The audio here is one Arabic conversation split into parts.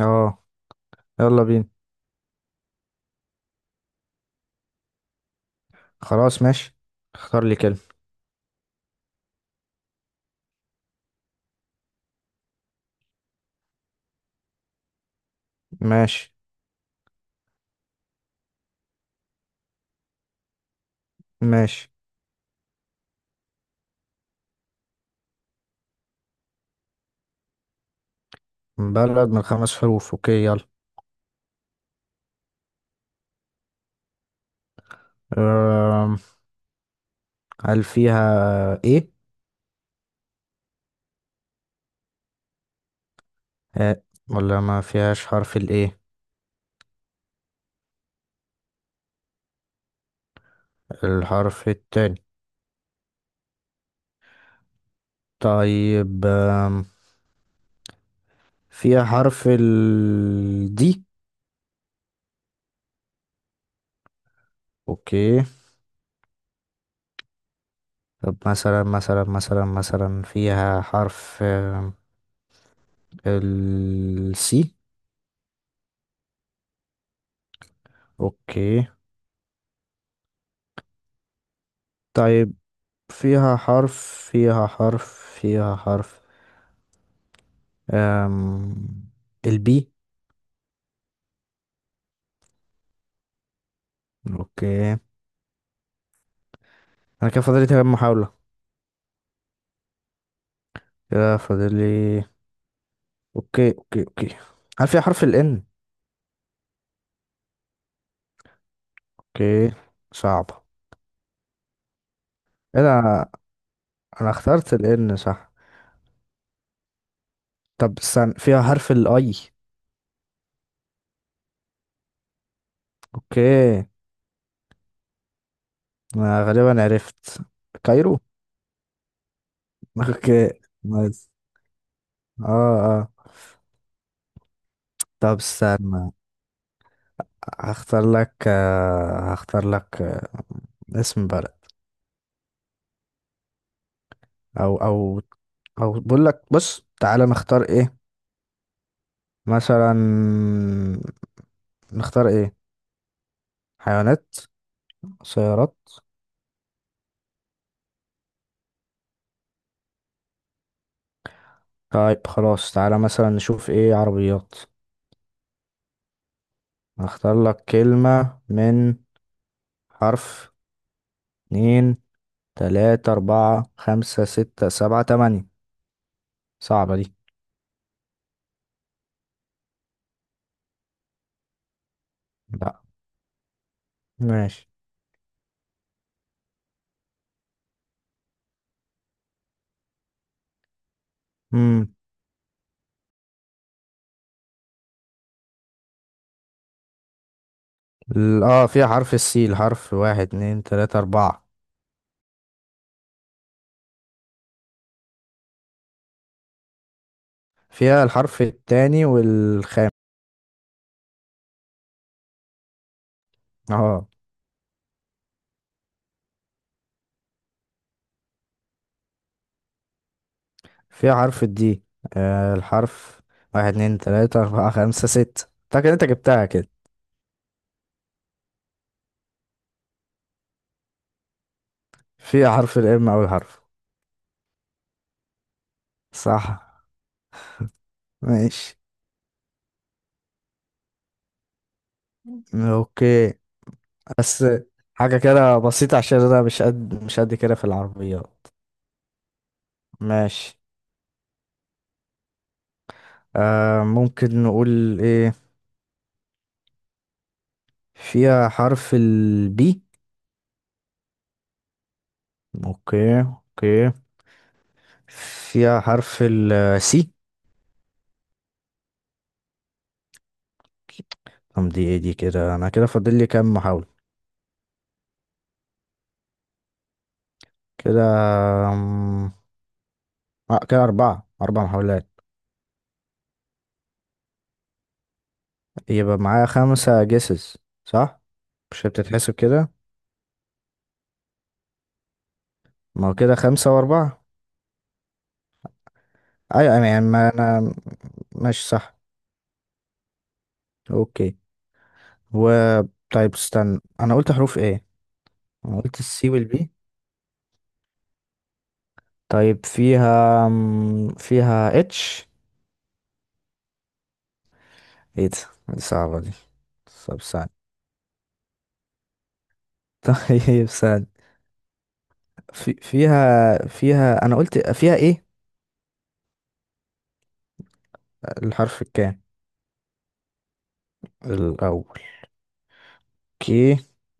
اه. يلا بينا. خلاص، ماشي. اختار لي كلمة. ماشي. ماشي. بلد من 5 حروف. اوكي، يلا. أم، هل فيها ايه؟ آه. ولا ما فيهاش حرف الايه؟ الحرف التاني. طيب. فيها حرف ال دي؟ اوكي. طب مثلا فيها حرف السي؟ اوكي. طيب، فيها حرف فيها حرف فيها حرف أم... البي؟ اوكي. انا كده فاضل لي تمام محاولة. كده فاضل لي. اوكي، اوكي، اوكي. هل فيها حرف الان؟ اوكي. صعبة. ايه ده؟ انا، أنا اخترت الان، صح؟ طب استنى، فيها حرف الاي؟ اوكي. انا غالبا عرفت. كايرو. اوكي، نايس. اه، اه. طب استنى. هختار لك اسم بلد. او او، بقول لك، بص، تعالى نختار ايه. مثلا، نختار ايه؟ حيوانات؟ سيارات؟ طيب، خلاص، تعالى مثلا نشوف ايه، عربيات. هختار لك كلمة من حرف 2، 3، 4، 5، 6، 7، 8 صعبة دي. لا، ماشي. مم. اه، فيها حرف السي، الحرف 1، 2، 3، 4 فيها الحرف التاني والخامس. اه. في حرف الدي؟ آه، الحرف 1، 2، 3، 4، 5، 6 فاكر انت جبتها كده. في حرف الام، أول حرف. صح. ماشي. اوكي، بس حاجة كده بسيطة عشان انا مش قد كده في العربيات. ماشي. ممكن نقول ايه، فيها حرف البي؟ اوكي، اوكي. فيها حرف السي؟ طب دي ايه؟ دي كده، انا كده فاضل لي كام محاولة؟ كده، كده 4، 4 محاولات يبقى معايا 5 جيسز، صح؟ مش بتتحسب كده؟ ما هو كده 5 و4. أيوة، أيوة، يعني ما أنا ماشي، صح. أوكي. و، طيب استنى، أنا قلت حروف إيه؟ أنا قلت السي والبي. طيب فيها فيها اتش؟ إيه ده؟ دي صعبة دي. طب ثانية. طيب ثانية. في فيها فيها أنا قلت فيها إيه؟ الحرف الكام؟ الأول. أوكي.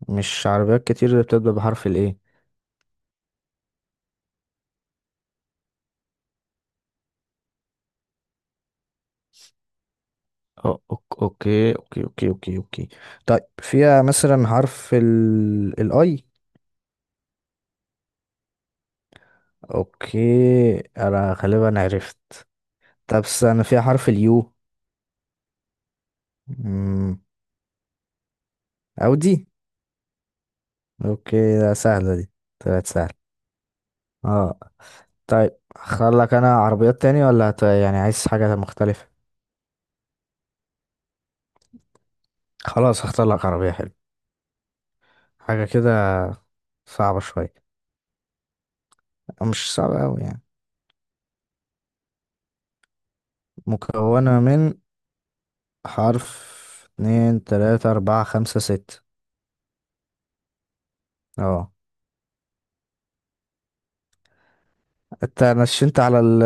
مش عربيات كتير اللي بتبدأ بحرف الإيه. اوكي. طيب فيها مثلا حرف الاي؟ اوكي. انا غالبا عرفت. طب، انا فيها حرف اليو؟ او دي. اوكي، ده سهلة دي. طلعت سهلة. اه. طيب اختار لك انا عربيات تاني، ولا يعني عايز حاجة مختلفة؟ خلاص، هختار لك عربية حلوة. حاجة كده، صعبة شوية، مش صعبة اوي يعني. مكونة من حرف 2، 3، 4، 5، 6 اه. انت نشنت على ال،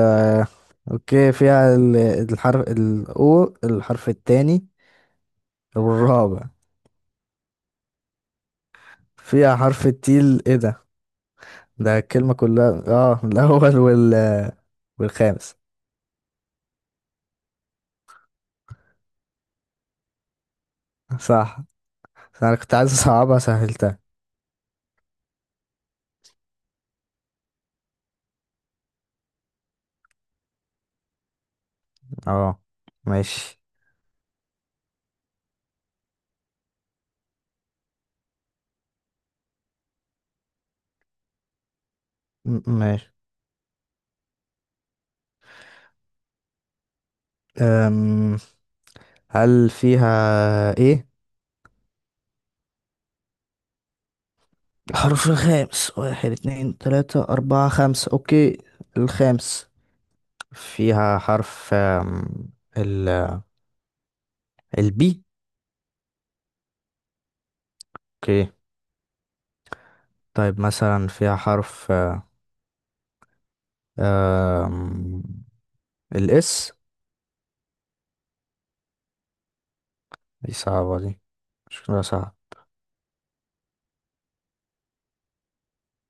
اوكي فيها الحرف الاو، الحرف التاني والرابع. فيها حرف التيل، ايه ده؟ ده الكلمة كلها. اه الاول والخامس. صح. انا كنت عايز اصعبها سهلتها. اه، ماشي. ماشي. أم... هل فيها ايه الحرف الخامس؟ 1، 2، 3، 4، 5 اوكي. الخامس. فيها حرف ال البي؟ اوكي. طيب مثلا فيها حرف آه، آم، الاس؟ دي صعبة دي، شكلها صعب.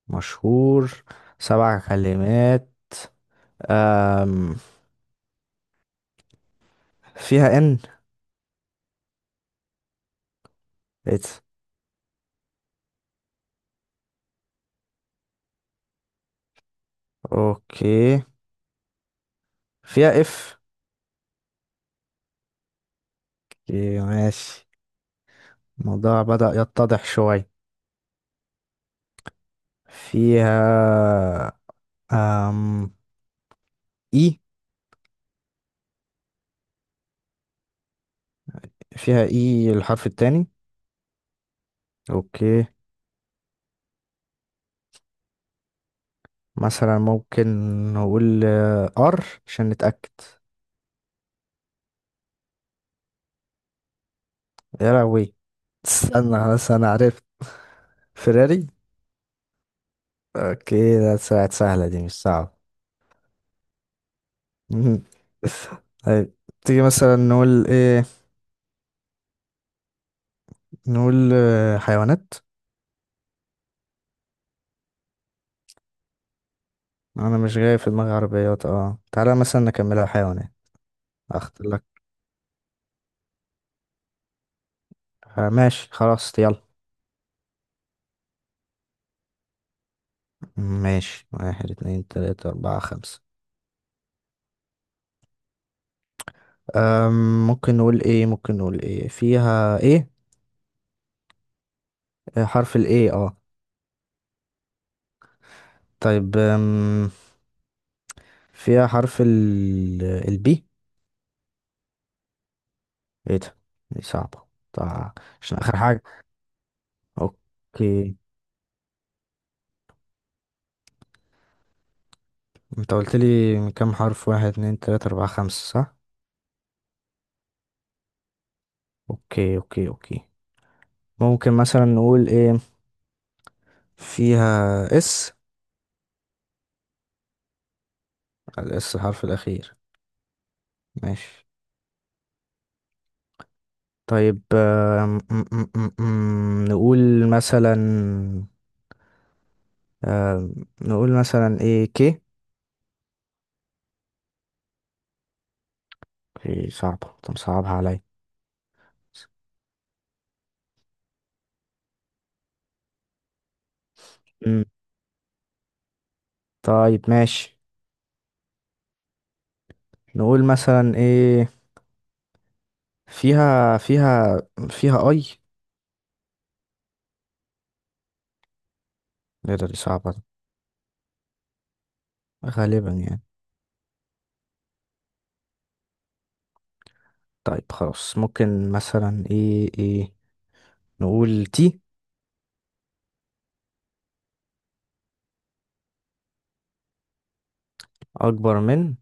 مشهور. 7 كلمات. آم، فيها ان؟ إت. اوكي، فيها اف؟ ماشي، الموضوع بدأ يتضح شوية. فيها أم... اي؟ فيها اي الحرف التاني. اوكي. مثلا ممكن نقول ار عشان نتأكد. يا لهوي، استنى، خلاص انا عرفت. فيراري. اوكي، ده ساعة سهلة دي، مش صعبة. مهم. طيب، تيجي مثلا نقول ايه؟ نقول حيوانات. انا مش جاي في دماغي عربيات، اه، تعالى مثلا نكملها حيوانات. اختار لك ماشي، خلاص، يلا. ماشي، 1، 2، 3، 4، 5 ممكن نقول ايه، فيها ايه، حرف الايه؟ اه. طيب، فيها حرف البي؟ ايه ده؟ دي صعبة طبعا، عشان اخر حاجة. اوكي. انت قلت لي من كام حرف؟ 1، 2، 3، 4، 5 صح. اوكي، اوكي، اوكي. ممكن مثلا نقول ايه، فيها اس؟ الاس الحرف الاخير. ماشي. طيب آم، م- م- م- م- نقول مثلا آم، نقول مثلا ايه، كي؟ اوكي، صعبة. طب صعبها عليا. مم. طيب ماشي، نقول مثلا ايه، فيها فيها فيها اي؟ الرياضة دي صعبة دي، غالبا يعني. طيب خلاص، ممكن مثلا ايه نقول تي؟ أكبر من.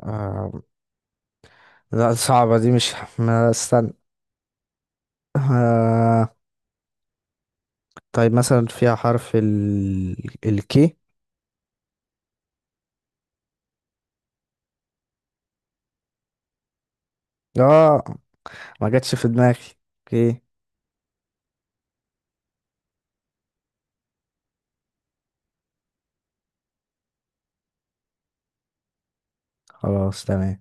آه، لا، صعبة دي، مش، ما استنى. آه. طيب مثلا فيها حرف الكي؟ اه، ما جاتش في دماغي. اوكي، خلاص، تمام.